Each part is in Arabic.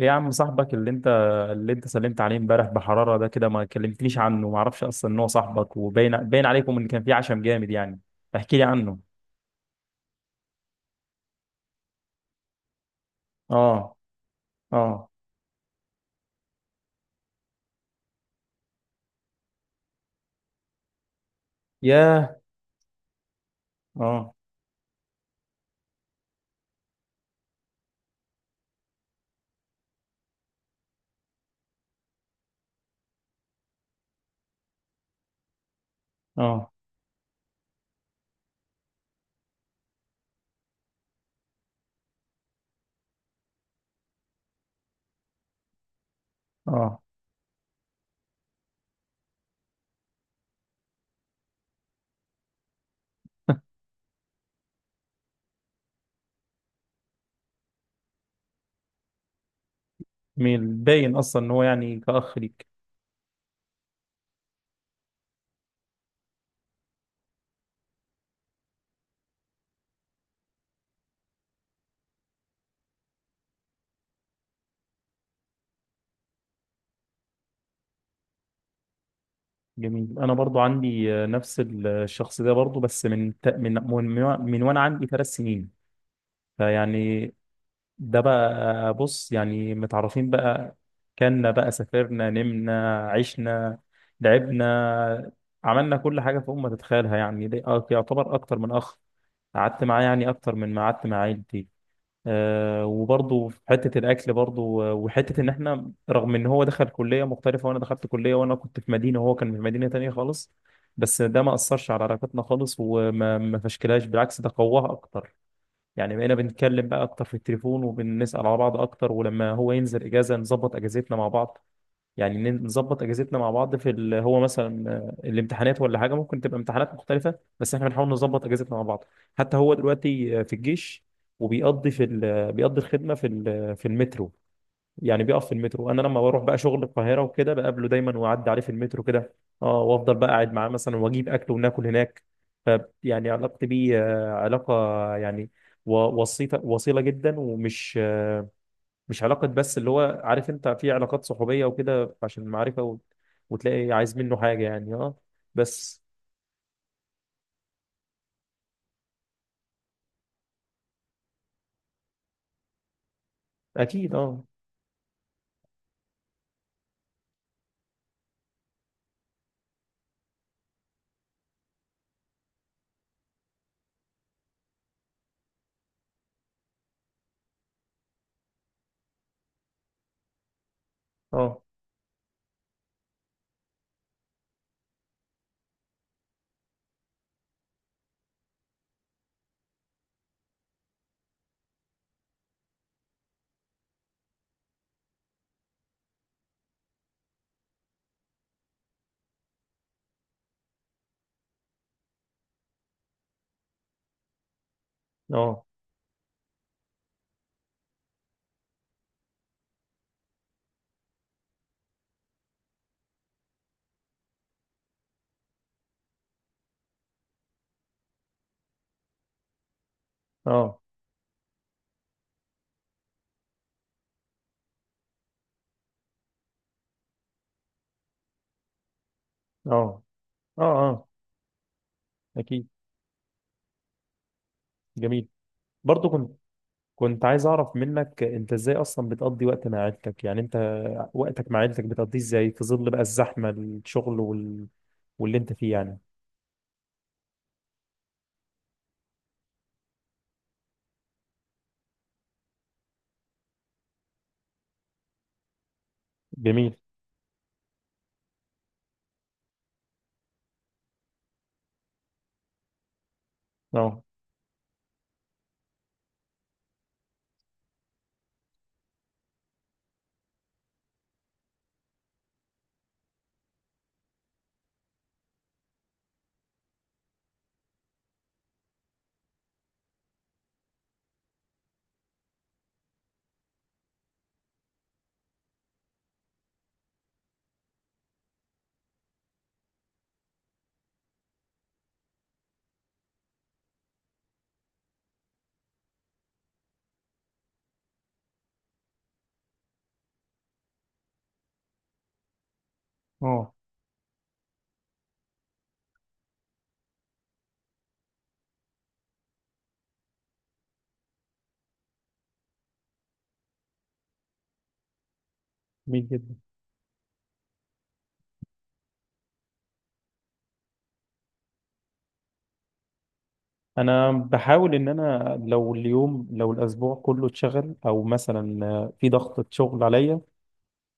ايه يا عم، صاحبك اللي انت اللي انت سلمت عليه امبارح بحرارة ده، كده ما كلمتنيش عنه؟ ما اعرفش اصلا ان هو صاحبك، وباين عليكم ان كان فيه عشم جامد يعني. احكي لي عنه. اه. اه. ياه. اه. اه. اه. مين باين اصلا ان هو يعني كأخ ليك؟ جميل. انا برضو عندي نفس الشخص ده برضو، بس من من وانا عندي 3 سنين. فيعني ده بقى، بص يعني، متعرفين بقى. كنا بقى سافرنا، نمنا، عشنا، لعبنا، عملنا كل حاجة في أم ما تتخيلها يعني. ده يعتبر أكتر من أخ. قعدت معاه يعني أكتر من ما قعدت مع عيلتي. أه، وبرضه في حتة الأكل برضه، وحتة إن إحنا رغم إن هو دخل كلية مختلفة وأنا دخلت كلية، وأنا كنت في مدينة وهو كان في مدينة تانية خالص. بس ده ما أثرش على علاقتنا خالص، وما ما فشكلهاش، بالعكس ده قواها أكتر. يعني بقينا بنتكلم بقى اكتر في التليفون وبنسأل على بعض اكتر، ولما هو ينزل اجازة نظبط اجازتنا مع بعض. يعني نظبط اجازتنا مع بعض في هو مثلا الامتحانات ولا حاجة، ممكن تبقى امتحانات مختلفة بس احنا بنحاول نظبط اجازتنا مع بعض. حتى هو دلوقتي في الجيش، وبيقضي في بيقضي الخدمة في في المترو. يعني بيقف في المترو، انا لما بروح بقى شغل القاهره وكده بقابله دايما، واعدي عليه في المترو كده. اه، وافضل بقى قاعد معاه مثلا واجيب اكل وناكل هناك. ف يعني علاقتي بيه علاقه يعني وسيطه وصيله جدا، ومش مش علاقه بس اللي هو عارف انت في علاقات صحوبيه وكده عشان المعرفه وتلاقي عايز منه حاجه يعني. اه، بس. اكيد اه. اه. اه. اه. اه. اه. اه. آه، اكيد. جميل. برضه كنت عايز اعرف منك، انت ازاي اصلا بتقضي وقت مع عيلتك؟ يعني انت وقتك مع عيلتك بتقضيه ازاي في ظل بقى الزحمة، الشغل، واللي انت فيه يعني. جميل. اه. اه. جميل جدا. انا بحاول ان انا لو اليوم، لو الاسبوع كله اتشغل او مثلا في ضغط شغل عليا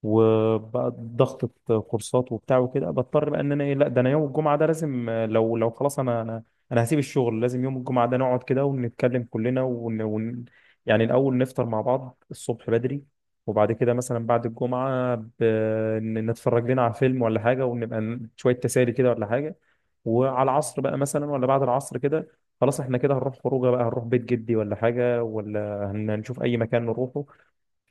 وبقى ضغطة كورسات وبتاع وكده، بضطر بقى ان انا ايه، لا، ده انا يوم الجمعة ده لازم، لو خلاص انا انا هسيب الشغل، لازم يوم الجمعة ده نقعد كده ونتكلم كلنا يعني الاول نفطر مع بعض الصبح بدري، وبعد كده مثلا بعد الجمعة نتفرج لنا على فيلم ولا حاجة، ونبقى شوية تسالي كده ولا حاجة. وعلى العصر بقى مثلا ولا بعد العصر كده خلاص، احنا كده هنروح خروجه بقى، هنروح بيت جدي ولا حاجة، ولا هنشوف اي مكان نروحه.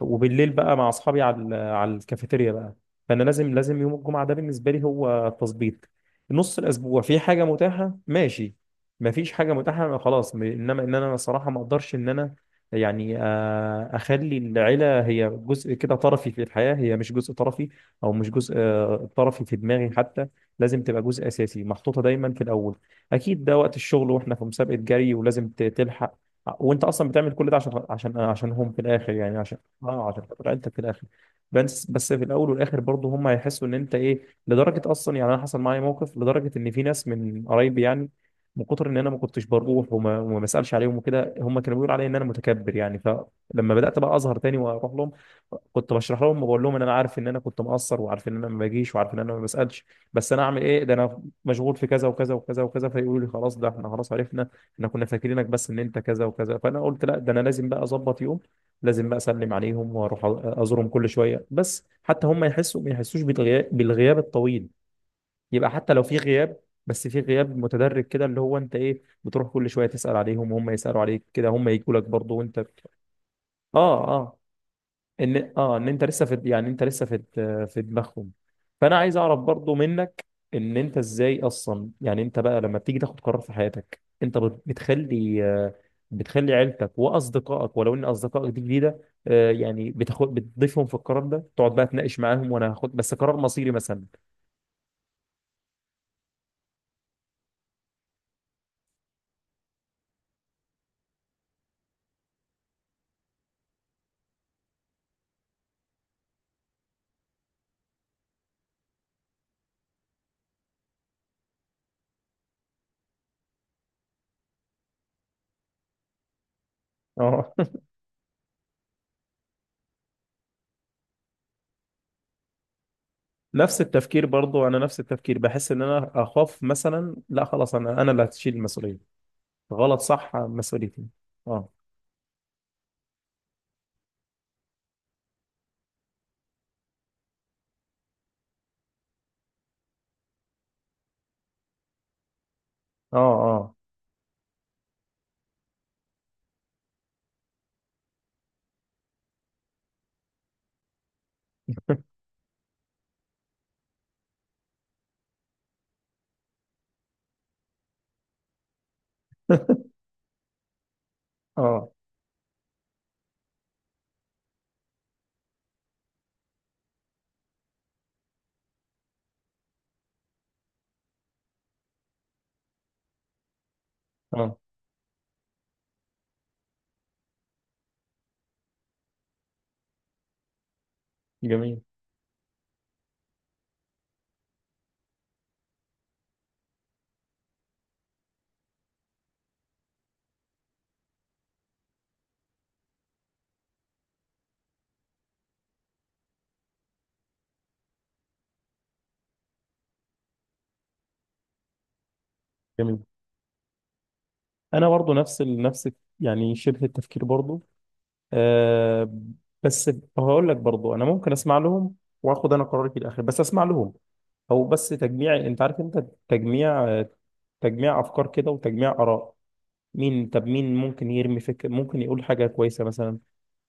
وبالليل بقى مع اصحابي على على الكافيتيريا بقى. فانا لازم يوم الجمعه ده بالنسبه لي هو تظبيط. نص الاسبوع في حاجه متاحه، ماشي. ما فيش حاجه متاحه خلاص، انما ان انا الصراحه ما اقدرش ان انا يعني اخلي العيله هي جزء كده طرفي في الحياه، هي مش جزء طرفي او مش جزء طرفي في دماغي حتى. لازم تبقى جزء اساسي محطوطه دايما في الاول. اكيد ده وقت الشغل واحنا في مسابقه جري ولازم تلحق، وانت اصلا بتعمل كل ده عشان عشان عشانهم في الاخر يعني. اه، هتفتقد عيلتك في الاخر. بس في الاول والاخر برضه هم هيحسوا ان انت ايه لدرجه اصلا. يعني انا حصل معايا موقف لدرجه ان في ناس من قرايبي يعني من كتر ان انا ما كنتش بروح وما بسالش عليهم وكده، هم كانوا بيقولوا عليا ان انا متكبر يعني. فلما بدات بقى اظهر تاني واروح لهم كنت بشرح لهم وبقول لهم ان انا عارف ان انا كنت مقصر، وعارف ان انا ما باجيش، وعارف ان انا ما بسالش، بس انا اعمل ايه، ده انا مشغول في كذا وكذا وكذا وكذا. فيقولوا لي خلاص، ده احنا خلاص عرفنا، احنا كنا فاكرينك بس ان انت كذا وكذا. فانا قلت لا، ده انا لازم بقى اظبط يوم، لازم بقى اسلم عليهم واروح ازورهم كل شويه، بس حتى هم يحسوا ما يحسوش بالغياب، الطويل. يبقى حتى لو في غياب بس في غياب متدرج كده، اللي هو انت ايه بتروح كل شويه تسال عليهم وهم يسالوا عليك كده، هم يجوا لك برضه وانت. اه، اه، ان اه ان انت لسه في، يعني انت لسه في في دماغهم. فانا عايز اعرف برضو منك ان انت ازاي اصلا يعني انت بقى لما بتيجي تاخد قرار في حياتك، انت بتخلي بتخلي عيلتك واصدقائك، ولو ان اصدقائك دي جديده، يعني بتاخد بتضيفهم في القرار ده، تقعد بقى تناقش معاهم وانا هاخد بس قرار مصيري مثلا؟ اه نفس التفكير برضو، انا نفس التفكير، بحس ان انا اخاف مثلا، لا خلاص انا اللي هتشيل المسؤوليه. غلط صح مسؤوليتي. اه. اه. اه اه. اه. جميل. جميل. انا برضو نفس نفس يعني شبه التفكير برضو. أه، بس هقول لك برضو انا ممكن اسمع لهم، واخد انا قراري في الاخر بس اسمع لهم. او بس تجميع، انت عارف، انت تجميع، تجميع افكار كده وتجميع اراء. مين، طب مين ممكن يرمي فكر ممكن يقول حاجه كويسه مثلا،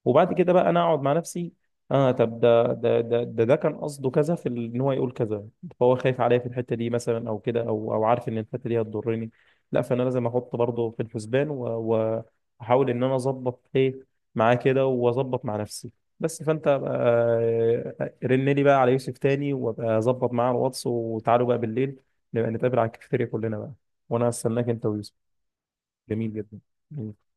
وبعد كده بقى انا اقعد مع نفسي. اه، طب ده ده كان قصده كذا في ان هو يقول كذا، فهو خايف عليا في الحته دي مثلا، او كده، او عارف ان الحته دي هتضرني. لا، فانا لازم احط برضه في الحسبان واحاول ان انا اظبط ايه معاه كده، واظبط مع نفسي. بس فانت رن لي بقى على يوسف تاني، وابقى اظبط معاه الواتس، وتعالوا بقى بالليل نبقى نتقابل على الكافيتيريا كلنا بقى، وانا هستناك انت ويوسف. جميل جدا.